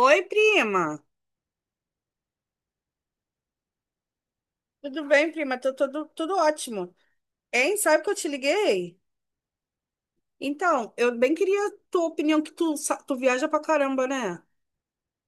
Oi, prima. Tudo bem, prima? Tô, tudo ótimo. Hein? Sabe que eu te liguei? Então, eu bem queria tua opinião, tu viaja pra caramba, né?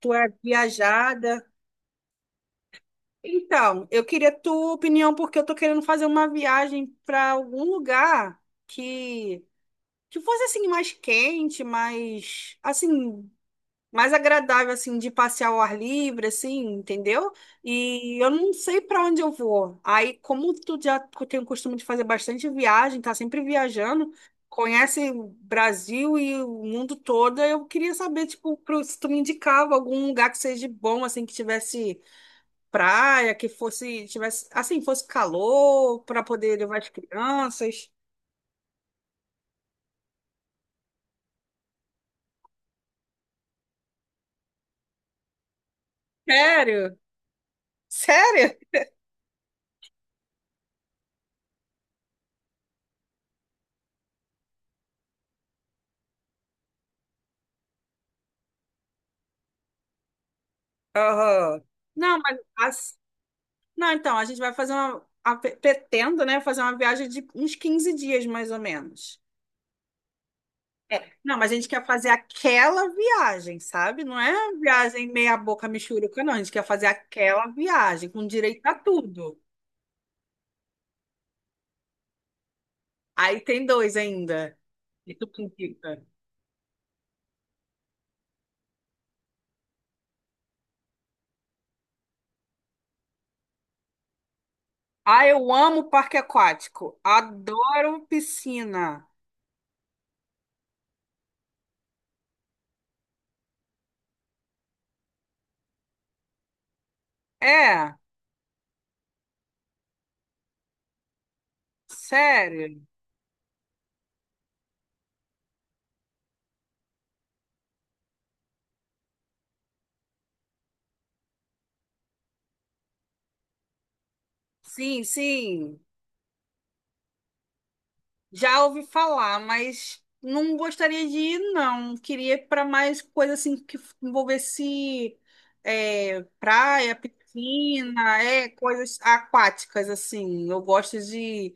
Tu é viajada. Então, eu queria tua opinião, porque eu tô querendo fazer uma viagem pra algum lugar que, que fosse, assim, mais quente, mais, assim, mais agradável, assim, de passear ao ar livre, assim, entendeu? E eu não sei para onde eu vou. Aí, como tu já tem o costume de fazer bastante viagem, tá sempre viajando, conhece o Brasil e o mundo todo, eu queria saber, tipo, se tu me indicava algum lugar que seja bom, assim, que tivesse praia, tivesse, assim, fosse calor, para poder levar as crianças. Sério? Sério? Aham. Não, mas Não, então, a gente vai fazer uma. A- pe- pretendo, né, fazer uma viagem de uns 15 dias, mais ou menos. É. Não, mas a gente quer fazer aquela viagem, sabe? Não é uma viagem meia boca mixuruca, não. A gente quer fazer aquela viagem, com direito a tudo. Aí tem dois ainda. E tu com Ah, eu amo parque aquático. Adoro piscina. É, sério. Sim, sim. Já ouvi falar, mas não gostaria de ir, não. Queria ir para mais coisa assim que envolvesse praia, piscina, é, coisas aquáticas, assim. Eu gosto de,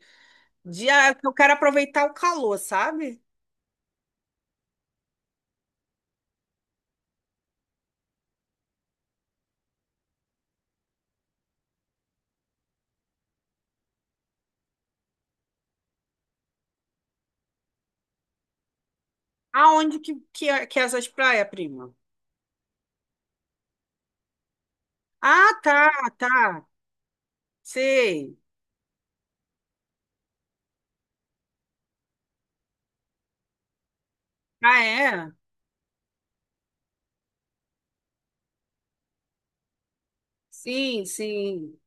de. Ah, Eu quero aproveitar o calor, sabe? Aonde que é essas praias, prima? Ah, tá, tá. Sei. Ah, é? Sim, sim.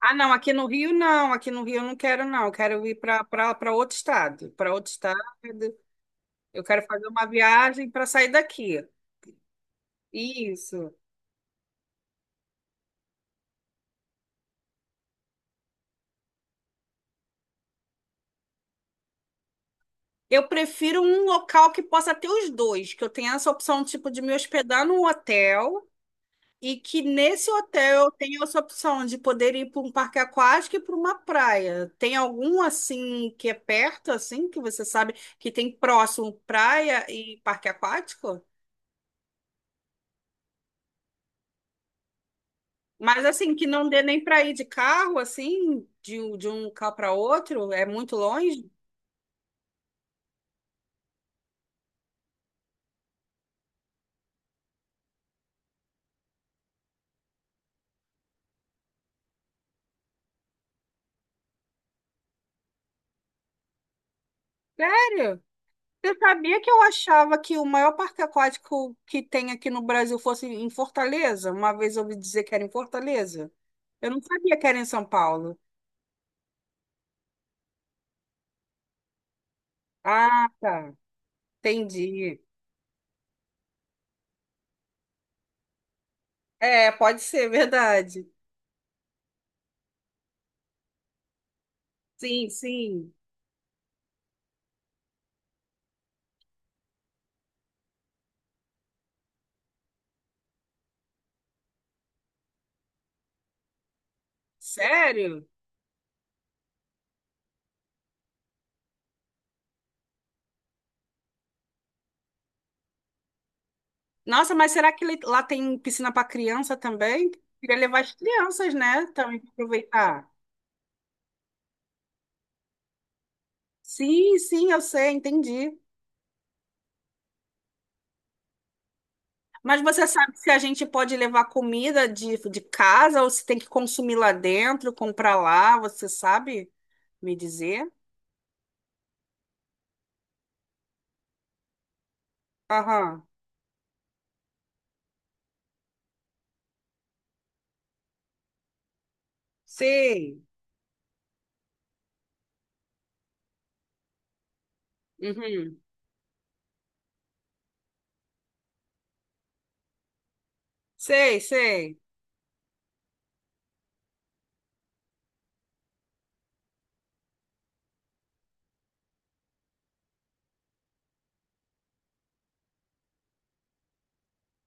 Ah, não, aqui no Rio não, aqui no Rio eu não quero, não. Eu quero ir para outro estado, para outro estado. Eu quero fazer uma viagem para sair daqui. Isso. Eu prefiro um local que possa ter os dois, que eu tenha essa opção, tipo, de me hospedar num hotel e que nesse hotel eu tenha essa opção de poder ir para um parque aquático e para uma praia. Tem algum, assim, que é perto, assim, que você sabe que tem próximo praia e parque aquático? Mas, assim, que não dê nem para ir de carro, assim, de um carro para outro, é muito longe? Sério? Você sabia que eu achava que o maior parque aquático que tem aqui no Brasil fosse em Fortaleza? Uma vez eu ouvi dizer que era em Fortaleza. Eu não sabia que era em São Paulo. Ah, tá. Entendi. É, pode ser, verdade. Sim, sim. Sério? Nossa, mas será que lá tem piscina para criança também? Queria levar as crianças, né? Também para aproveitar. Sim, sim, eu sei, entendi. Mas você sabe se a gente pode levar comida de casa ou se tem que consumir lá dentro, comprar lá, você sabe me dizer? Aham. Sei. Uhum. Sei, sei.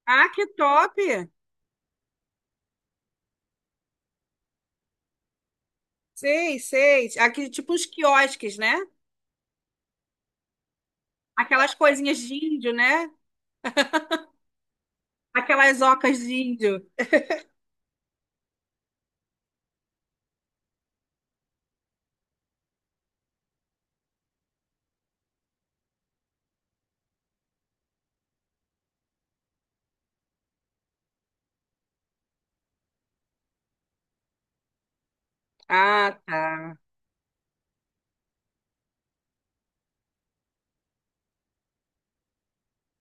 Ah, que top! Sei, sei. Aqui, tipo os quiosques, né? Aquelas coisinhas de índio, né? Aquelas ocas de índio. Ah, tá.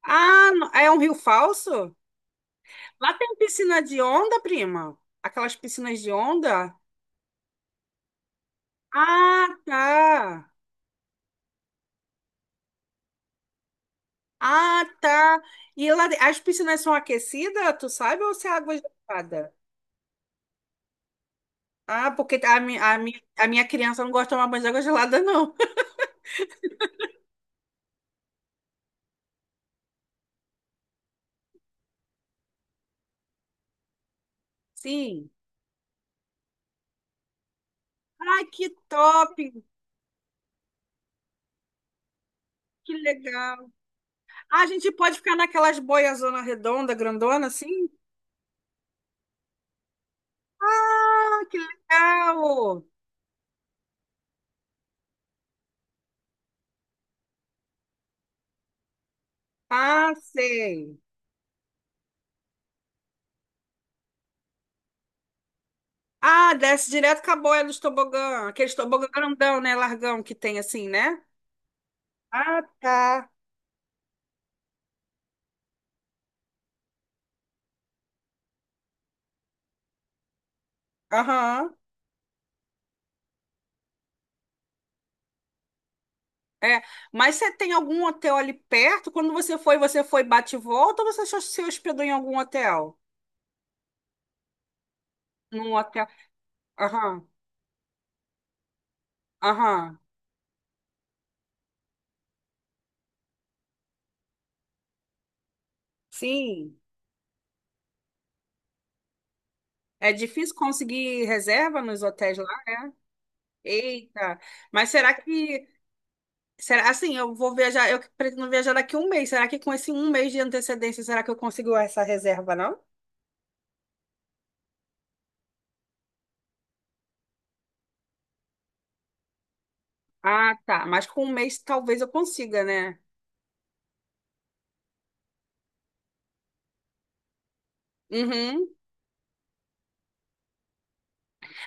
Ah, é um rio falso? Lá tem piscina de onda, prima? Aquelas piscinas de onda? Ah, tá. Ah, tá. E lá, as piscinas são aquecidas, tu sabe, ou se é água gelada? Ah, porque a minha criança não gosta de tomar banho de água gelada, não. Sim. Ai, que top! Que legal. Ah, a gente pode ficar naquelas boias zona redonda, grandona, assim? Ah, que legal! Ah, sei. Ah, desce direto com a boia dos tobogã. Aqueles tobogã grandão, né? Largão que tem assim, né? Ah, tá. Aham. É, mas você tem algum hotel ali perto? Quando você foi bate e volta ou você só se hospedou em algum hotel? Num hotel. Aham, aham. Sim. É difícil conseguir reserva nos hotéis lá. Eita, mas será que. Será, assim, eu vou viajar, eu pretendo viajar daqui a um mês. Será que com esse um mês de antecedência, será que eu consigo essa reserva, não? Ah, tá. Mas com um mês talvez eu consiga, né? Uhum.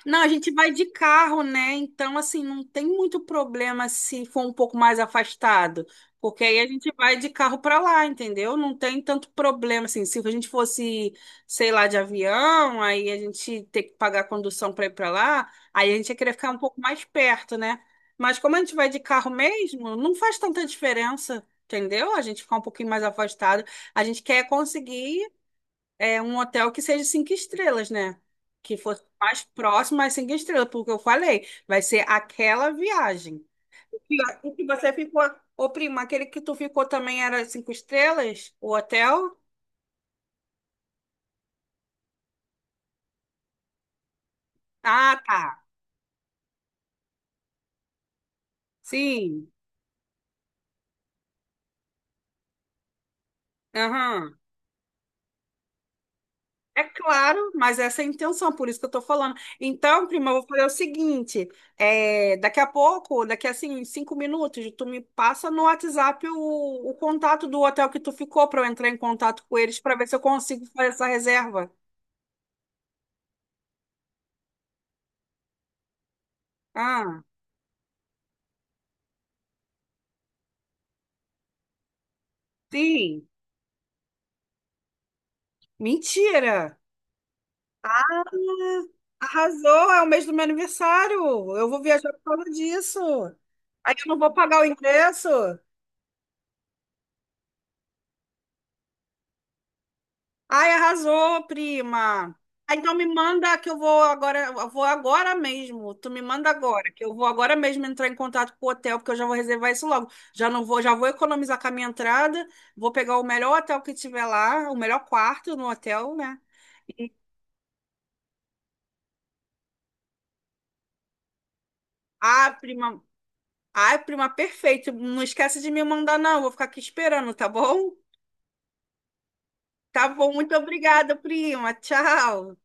Não, a gente vai de carro, né? Então, assim, não tem muito problema se for um pouco mais afastado, porque aí a gente vai de carro para lá, entendeu? Não tem tanto problema, assim, se a gente fosse, sei lá, de avião, aí a gente ter que pagar a condução para ir para lá, aí a gente ia querer ficar um pouco mais perto, né? Mas como a gente vai de carro mesmo, não faz tanta diferença, entendeu? A gente ficar um pouquinho mais afastado. A gente quer conseguir é um hotel que seja cinco estrelas, né? Que fosse mais próximo às cinco estrelas, porque eu falei, vai ser aquela viagem. O que o que você ficou, ô primo, aquele que tu ficou também era cinco estrelas? O hotel? Ah, tá. Sim. Aham. É claro, mas essa é a intenção, por isso que eu tô falando. Então, prima, eu vou fazer o seguinte: é, daqui a pouco, daqui a assim, 5 minutos, tu me passa no WhatsApp o contato do hotel que tu ficou para eu entrar em contato com eles para ver se eu consigo fazer essa reserva. Ah, sim. Mentira! Ah, Arrasou, é o mês do meu aniversário. Eu vou viajar por causa disso. Aí eu não vou pagar o ingresso. Ai, arrasou, prima. Ah, Então me manda que eu vou agora mesmo. Tu me manda agora, que eu vou agora mesmo entrar em contato com o hotel, porque eu já vou reservar isso logo. Já não vou, já vou economizar com a minha entrada, vou pegar o melhor hotel que tiver lá, o melhor quarto no hotel, né? E, ah, prima, ah, prima, perfeito. Não esquece de me mandar, não. Vou ficar aqui esperando, tá bom? Tá bom, muito obrigada, prima. Tchau.